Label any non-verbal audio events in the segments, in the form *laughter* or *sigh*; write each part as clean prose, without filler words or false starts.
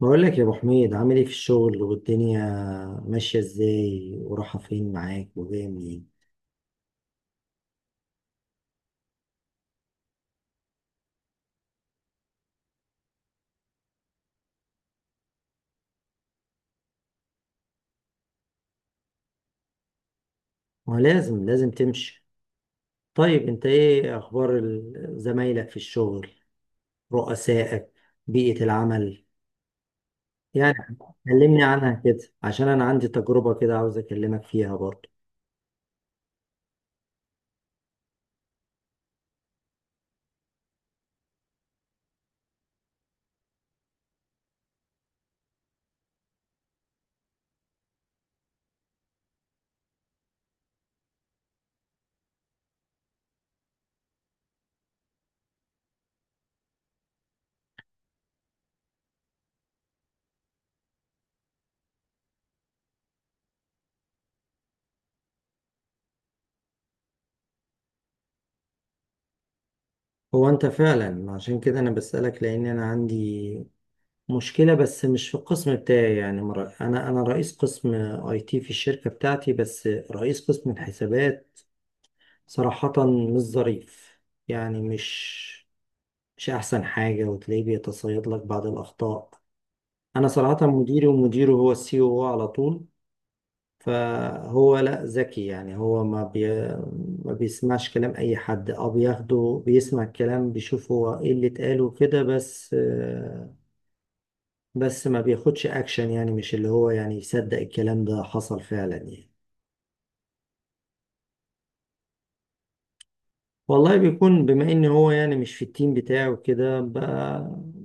بقول لك يا ابو حميد، عامل ايه في الشغل والدنيا ماشيه ازاي ورايحه فين معاك وجايه منين؟ ما لازم لازم تمشي. طيب انت ايه اخبار زمايلك في الشغل، رؤسائك، بيئه العمل؟ يعني كلمني عنها كده عشان انا عندي تجربه كده عاوز اكلمك فيها برضه. هو انت فعلا عشان كده انا بسالك لان انا عندي مشكلة، بس مش في القسم بتاعي يعني. أنا رئيس قسم أي تي في الشركة بتاعتي، بس رئيس قسم الحسابات صراحة مش ظريف، يعني مش أحسن حاجة، وتلاقيه بيتصيد لك بعض الأخطاء. أنا صراحة مديري ومديره هو السي او على طول. فهو لا ذكي، يعني هو ما بيسمعش كلام أي حد أو بياخده، بيسمع الكلام، بيشوف هو إيه اللي اتقال وكده، بس ما بياخدش أكشن. يعني مش اللي هو يعني يصدق الكلام ده حصل فعلا يعني. والله بيكون بما ان هو يعني مش في التيم بتاعه وكده،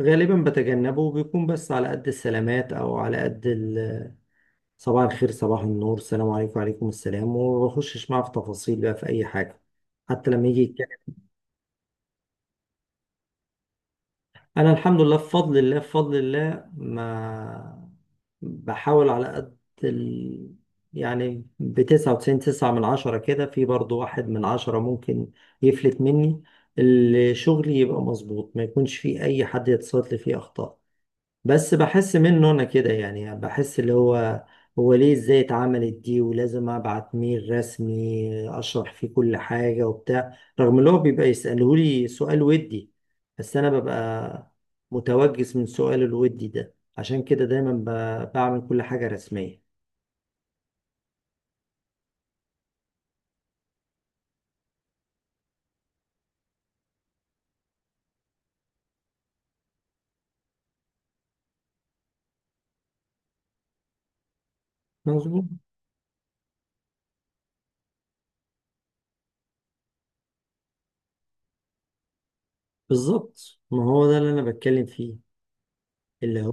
غالبا بتجنبه، وبيكون بس على قد السلامات، او على قد صباح الخير، صباح النور، السلام عليكم، وعليكم السلام، وما بخشش معاه في تفاصيل بقى في اي حاجه حتى لما يجي. انا الحمد لله، بفضل الله ما بحاول على قد ال... يعني ب99، تسعة من عشرة كده، في برضو واحد من عشرة ممكن يفلت مني. اللي شغلي يبقى مظبوط، ما يكونش فيه اي حد يتصادف لي فيه اخطاء. بس بحس منه انا كده، يعني بحس اللي هو ليه ازاي اتعملت دي، ولازم ابعت ميل رسمي اشرح فيه كل حاجة وبتاع، رغم اللي هو بيبقى يسألهولي سؤال ودي. بس انا ببقى متوجس من سؤال الودي ده، عشان كده دايما بعمل كل حاجة رسمية. مظبوط. بالظبط، ما هو ده اللي انا بتكلم فيه اللي هو.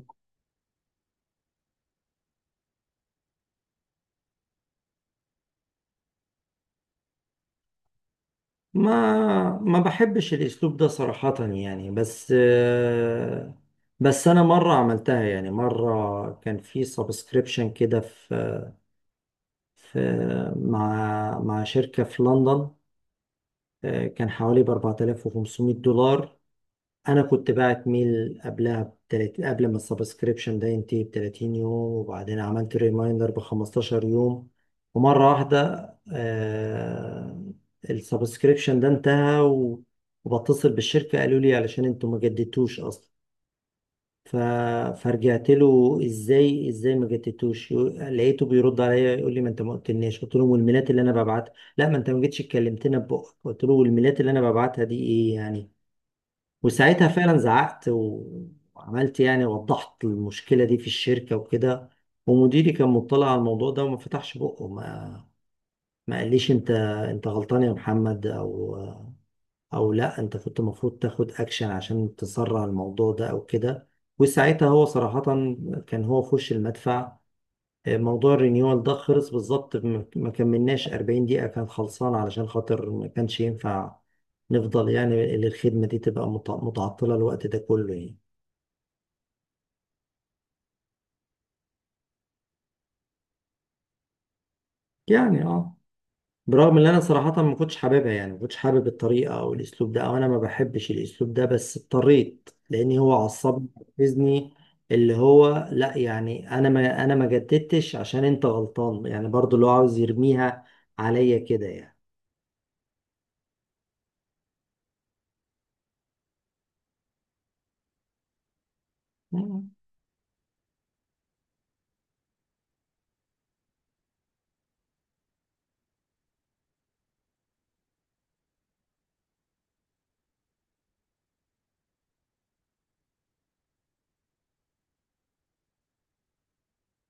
ما بحبش الاسلوب ده صراحة يعني، بس انا مرة عملتها. يعني مرة كان في سبسكريبشن كده، في مع شركة في لندن. كان حوالي ب $4,500. انا كنت بعت ميل قبلها ب30، قبل ما السبسكريبشن ده ينتهي ب 30 يوم، وبعدين عملت ريمايندر ب 15 يوم. ومره واحده السبسكريبشن ده انتهى وبتصل بالشركه، قالوا لي علشان انتوا ما جددتوش اصلا. ف... فرجعت له: ازاي ازاي ما جددتوش؟ لقيته بيرد عليا يقول لي: ما انت ما قلتلناش. قلت له: والميلات اللي انا ببعتها؟ لا ما انت ما جيتش اتكلمتنا ببقك. قلت له: والميلات اللي انا ببعتها دي ايه يعني؟ وساعتها فعلا زعقت وعملت، يعني وضحت المشكلة دي في الشركة وكده. ومديري كان مطلع على الموضوع ده وما فتحش بقه، ما قاليش: انت غلطان يا محمد، او لا انت كنت المفروض تاخد اكشن عشان تسرع الموضوع ده او كده. وساعتها هو صراحة كان هو في وش المدفع. موضوع الرينيوال ده خلص بالظبط، ما كملناش 40 دقيقة كان خلصان، علشان خاطر ما كانش ينفع نفضل، يعني الخدمة دي تبقى متعطلة الوقت ده كله يعني. يعني اه، برغم ان انا صراحة ما كنتش حاببها، يعني ما كنتش حابب الطريقة او الاسلوب ده، او انا ما بحبش الاسلوب ده، بس اضطريت لان هو عصبني وحفزني. اللي هو لا يعني انا ما جددتش عشان انت غلطان، يعني برضو اللي هو عاوز يرميها عليا كده يعني. مم.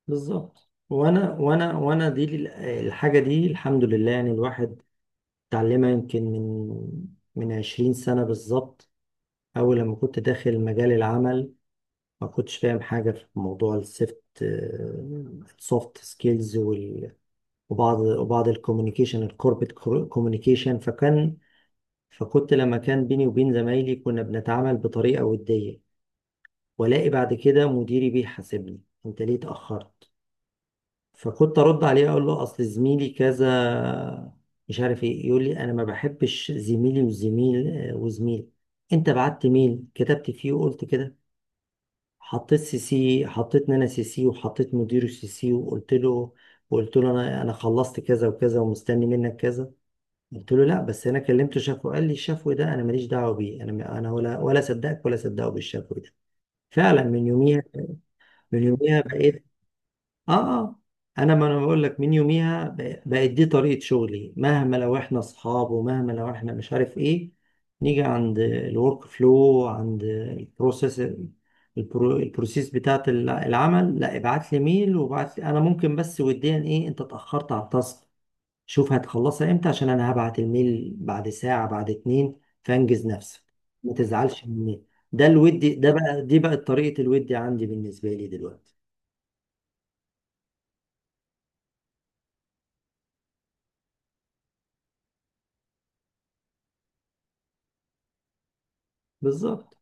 بالظبط، وانا دي الحاجة دي الحمد لله يعني، الواحد اتعلمها يمكن من 20 سنة بالظبط، اول لما كنت داخل مجال العمل. ما كنتش فاهم حاجة في موضوع السوفت سكيلز وبعض الكوميونيكيشن الكوربت كوميونيكيشن فكان فكنت لما كان بيني وبين زمايلي كنا بنتعامل بطريقة ودية. والاقي بعد كده مديري بيحاسبني: انت ليه اتأخرت؟ فكنت ارد عليه اقول له: اصل زميلي كذا، مش عارف ايه. يقول لي: انا ما بحبش زميلي وزميل. انت بعت ميل كتبت فيه وقلت كده، حطيت سي سي، حطيت نانا سي سي، وحطيت مدير السي سي، وقلت له انا خلصت كذا وكذا، ومستني منك كذا. قلت له: لا بس انا كلمت شافو. قال لي: الشفو ده انا ماليش دعوه بيه، انا ولا صدقك ولا صدقه بالشفو ده. فعلا من يوميها، من يوميها بقيت، اه، اه، ما انا بقول لك من يوميها بقت دي طريقة شغلي. مهما لو احنا اصحاب، ومهما لو احنا مش عارف ايه، نيجي عند الورك فلو، عند البروسيس، البروسيس بتاعت العمل، لا ابعت لي ميل، وابعت لي انا ممكن بس وديا: ايه، انت اتأخرت على التاسك، شوف هتخلصها امتى، عشان انا هبعت الميل بعد ساعة بعد اتنين، فانجز نفسك، ما تزعلش مني. ده الودي ده بقى، دي بقت طريقة الودي عندي بالنسبة لي دلوقتي. بالظبط.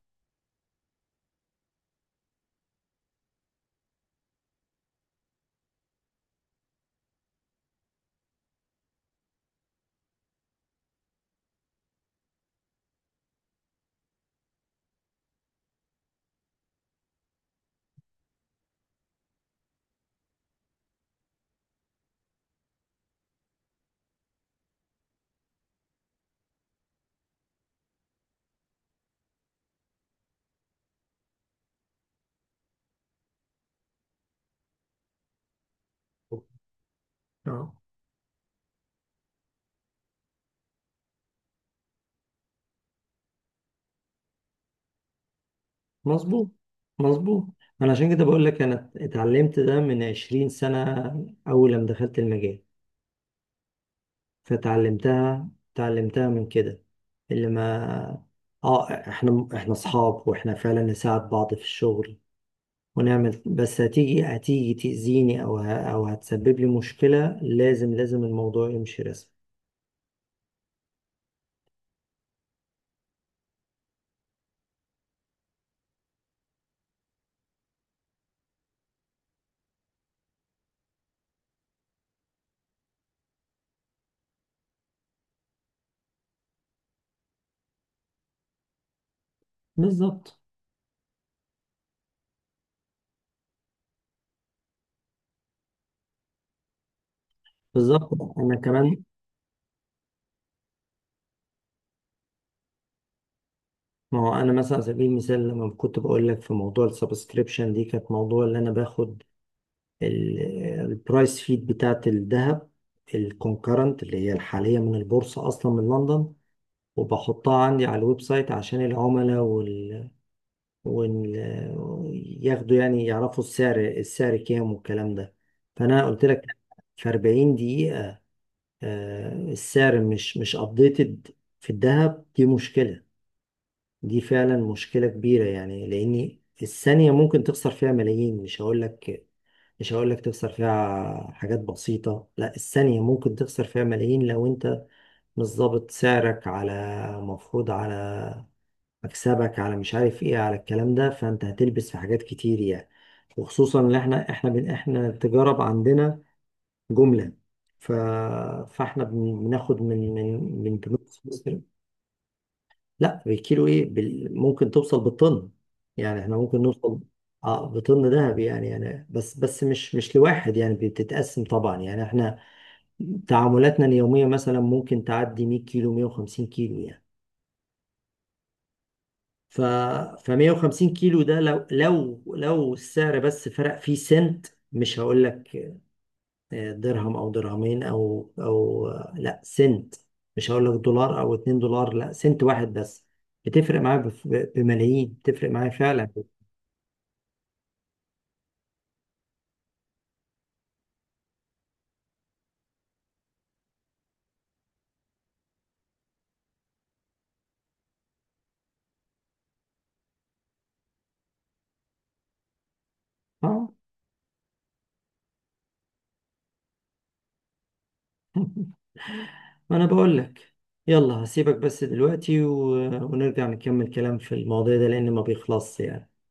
اه. مظبوط مظبوط. ما انا عشان كده بقول لك، انا اتعلمت ده من 20 سنة اول لما دخلت المجال. اتعلمتها من كده. اللي ما اه احنا اصحاب، واحنا فعلا نساعد بعض في الشغل ونعمل، بس هتيجي تأذيني، او او هتسبب لي مشكلة، لازم لازم الموضوع يمشي رسمي. بالظبط بالظبط، انا كمان. ما هو انا مثلا على سبيل المثال لما كنت بقول لك في موضوع السبسكريبشن دي، كانت موضوع اللي انا باخد البرايس فيد بتاعت الذهب الكونكرنت اللي هي الحالية من البورصة أصلا من لندن، وبحطها عندي على الويب سايت عشان العملاء وال... ياخدوا، يعني يعرفوا السعر كام والكلام ده. فأنا قلت لك في 40 دقيقة السعر مش ابديتد في الذهب، دي مشكلة. دي فعلا مشكلة كبيرة، يعني لأن الثانية ممكن تخسر فيها ملايين. مش هقول لك، مش هقول لك تخسر فيها حاجات بسيطة، لا، الثانية ممكن تخسر فيها ملايين لو أنت مش ظابط سعرك على، مفروض على مكسبك، على مش عارف إيه، على الكلام ده، فأنت هتلبس في حاجات كتير يعني. وخصوصا إن إحنا التجارة عندنا جملة. ف... فإحنا بناخد من بنوك. لا بالكيلو، ايه ممكن توصل بالطن. يعني احنا ممكن نوصل اه بطن دهب يعني بس مش لواحد يعني، بتتقسم طبعا. يعني احنا تعاملاتنا اليومية مثلا ممكن تعدي 100 كيلو، 150 كيلو يعني. ف ف 150 كيلو ده لو لو السعر بس فرق فيه سنت، مش هقول لك درهم او درهمين، او او آه، لا سنت، مش هقول لك دولار او $2، لا سنت واحد بس، بتفرق معايا بملايين، بتفرق معايا فعلا. اه. *laughs* ما انا بقول لك، يلا هسيبك بس دلوقتي ونرجع نكمل كلام في المواضيع ده لان ما بيخلصش يعني.